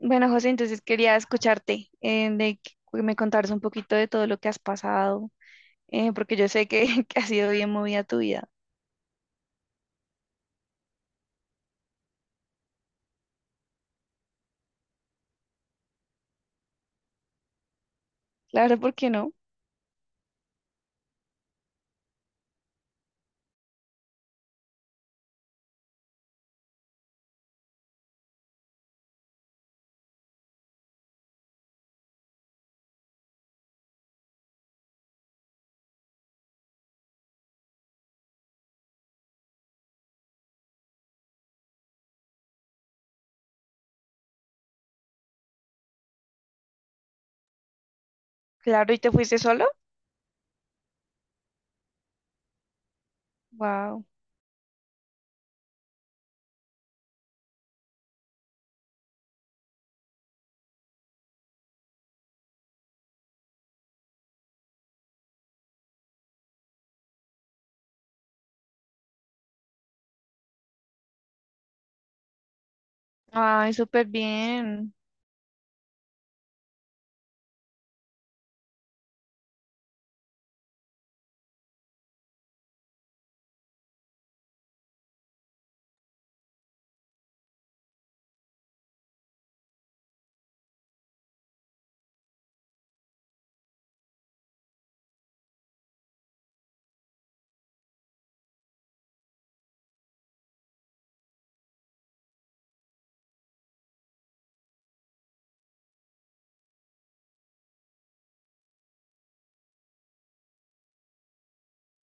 Bueno, José, entonces quería escucharte, de que me contaras un poquito de todo lo que has pasado, porque yo sé que, que ha sido bien movida tu vida. Claro, ¿por qué no? Claro, ¿y te fuiste solo? Wow. Ay, súper bien.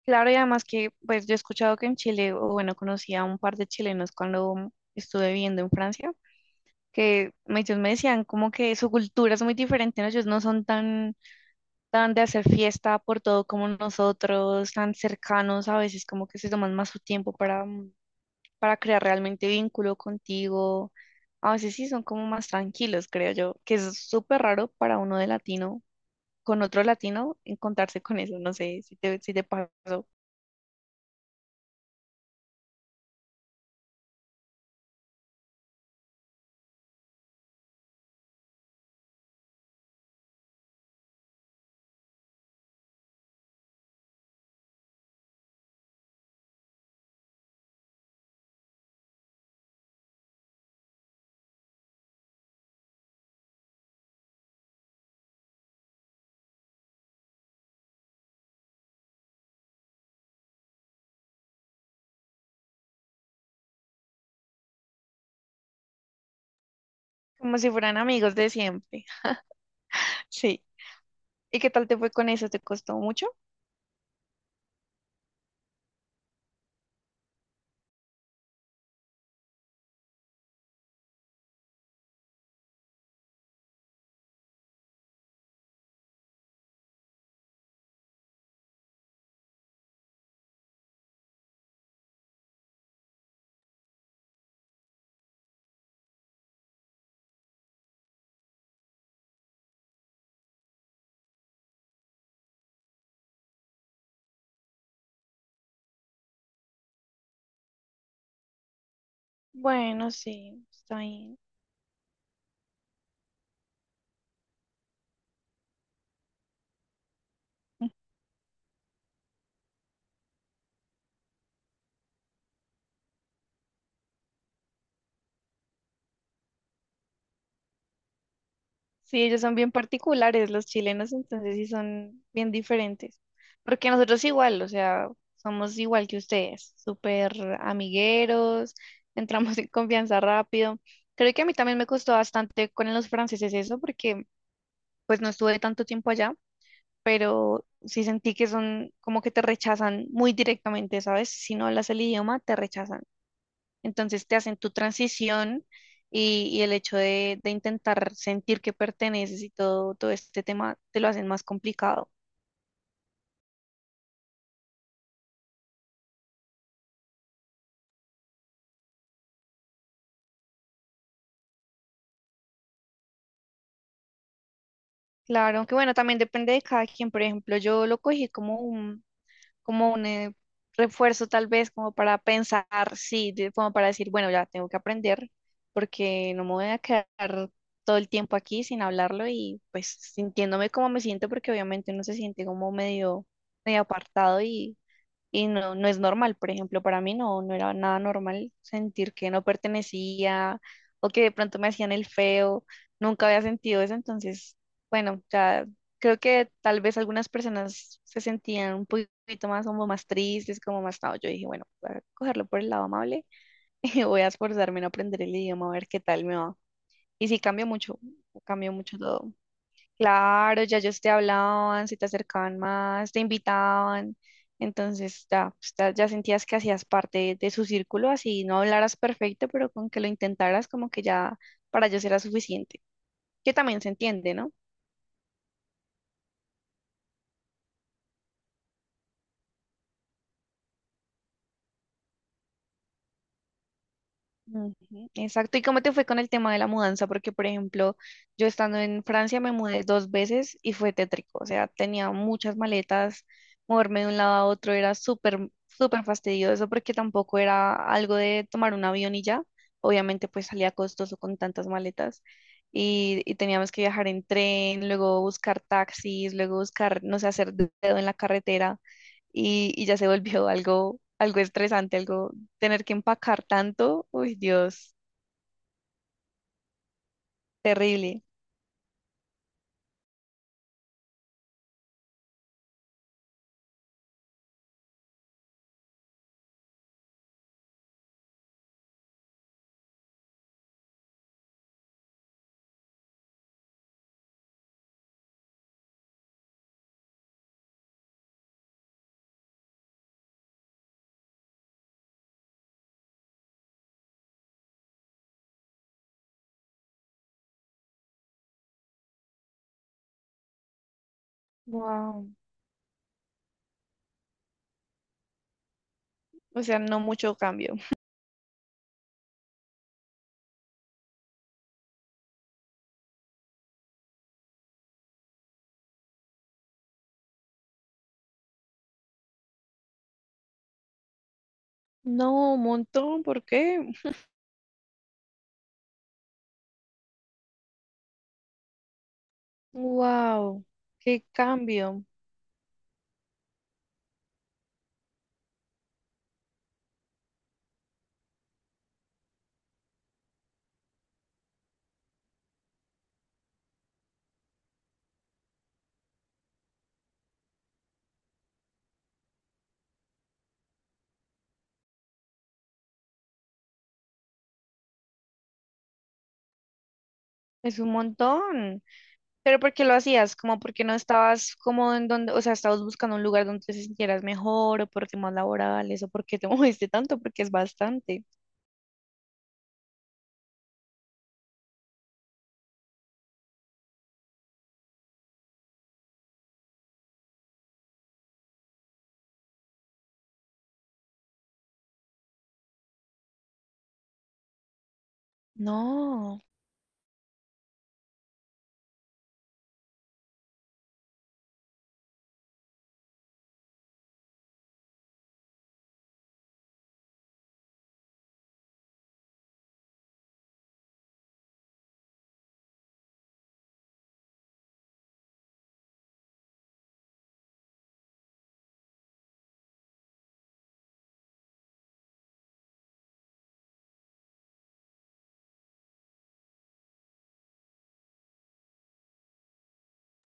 Claro, y además que, pues yo he escuchado que en Chile, o bueno, conocí a un par de chilenos cuando estuve viviendo en Francia, que me- ellos me decían como que su cultura es muy diferente, ¿no? Ellos no son tan de hacer fiesta por todo como nosotros, tan cercanos, a veces como que se toman más su tiempo para, para crear realmente vínculo contigo. A veces sí son como más tranquilos, creo yo, que es súper raro para uno de latino, con otro latino, encontrarse con eso, no sé si te pasó, como si fueran amigos de siempre. Sí. ¿Y qué tal te fue con eso? ¿Te costó mucho? Bueno, sí, está bien. Sí, ellos son bien particulares, los chilenos, entonces sí son bien diferentes. Porque nosotros igual, o sea, somos igual que ustedes, súper amigueros, entramos en confianza rápido. Creo que a mí también me costó bastante con los franceses eso, porque pues no estuve tanto tiempo allá, pero sí sentí que son como que te rechazan muy directamente, ¿sabes? Si no hablas el idioma, te rechazan. Entonces te hacen tu transición y el hecho de intentar sentir que perteneces y todo, todo este tema te lo hacen más complicado. Claro, aunque bueno, también depende de cada quien. Por ejemplo, yo lo cogí como un refuerzo tal vez, como para pensar, sí, como para decir, bueno, ya tengo que aprender porque no me voy a quedar todo el tiempo aquí sin hablarlo y pues sintiéndome como me siento porque obviamente uno se siente como medio, medio apartado y no, no es normal, por ejemplo, para mí no, no era nada normal sentir que no pertenecía o que de pronto me hacían el feo, nunca había sentido eso, entonces, bueno, ya creo que tal vez algunas personas se sentían un poquito más como más tristes, como más, no, yo dije, bueno, voy a cogerlo por el lado amable y voy a esforzarme en aprender el idioma, a ver qué tal me va. Y sí, cambió mucho todo. Claro, ya ellos te hablaban, se te acercaban más, te invitaban. Entonces, ya, pues, ya sentías que hacías parte de su círculo, así no hablaras perfecto, pero con que lo intentaras, como que ya para ellos era suficiente. Que también se entiende, ¿no? Ujú, exacto. ¿Y cómo te fue con el tema de la mudanza? Porque, por ejemplo, yo estando en Francia me mudé dos veces y fue tétrico. O sea, tenía muchas maletas, moverme de un lado a otro era súper, súper fastidioso porque tampoco era algo de tomar un avión y ya. Obviamente, pues salía costoso con tantas maletas y teníamos que viajar en tren, luego buscar taxis, luego buscar, no sé, hacer dedo en la carretera y ya se volvió algo estresante, tener que empacar tanto, uy, Dios, terrible. Wow. O sea, no mucho cambio. No, un montón, ¿por qué? Wow, qué cambio. Es un montón. Pero ¿por qué lo hacías? Como porque no estabas como en donde, o sea, estabas buscando un lugar donde te sintieras mejor o por temas laborales o porque te moviste tanto, porque es bastante. No,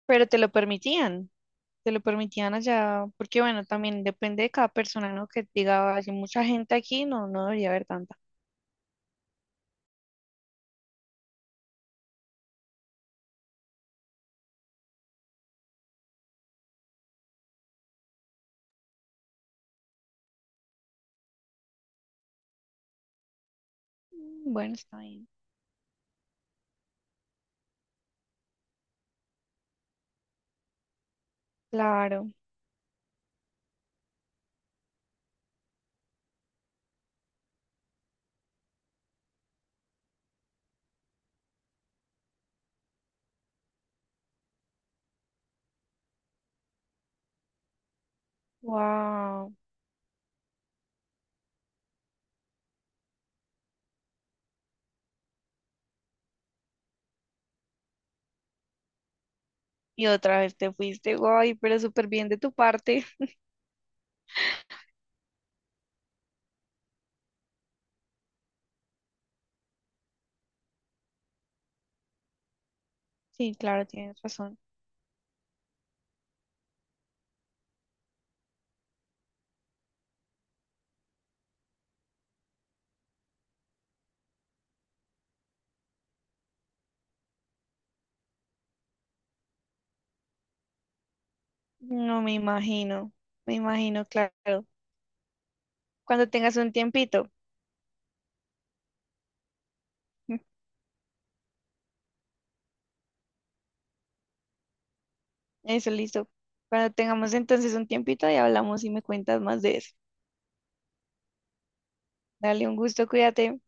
pero te lo permitían. Te lo permitían allá, porque bueno, también depende de cada persona, ¿no? Que diga, hay mucha gente aquí, no, no debería haber tanta. Bueno, está bien. Claro. Wow. Y otra vez te fuiste, guay, pero súper bien de tu parte. Sí, claro, tienes razón. No me imagino. Me imagino, claro. Cuando tengas un tiempito. Eso, listo. Cuando tengamos entonces un tiempito y hablamos y me cuentas más de eso. Dale un gusto, cuídate.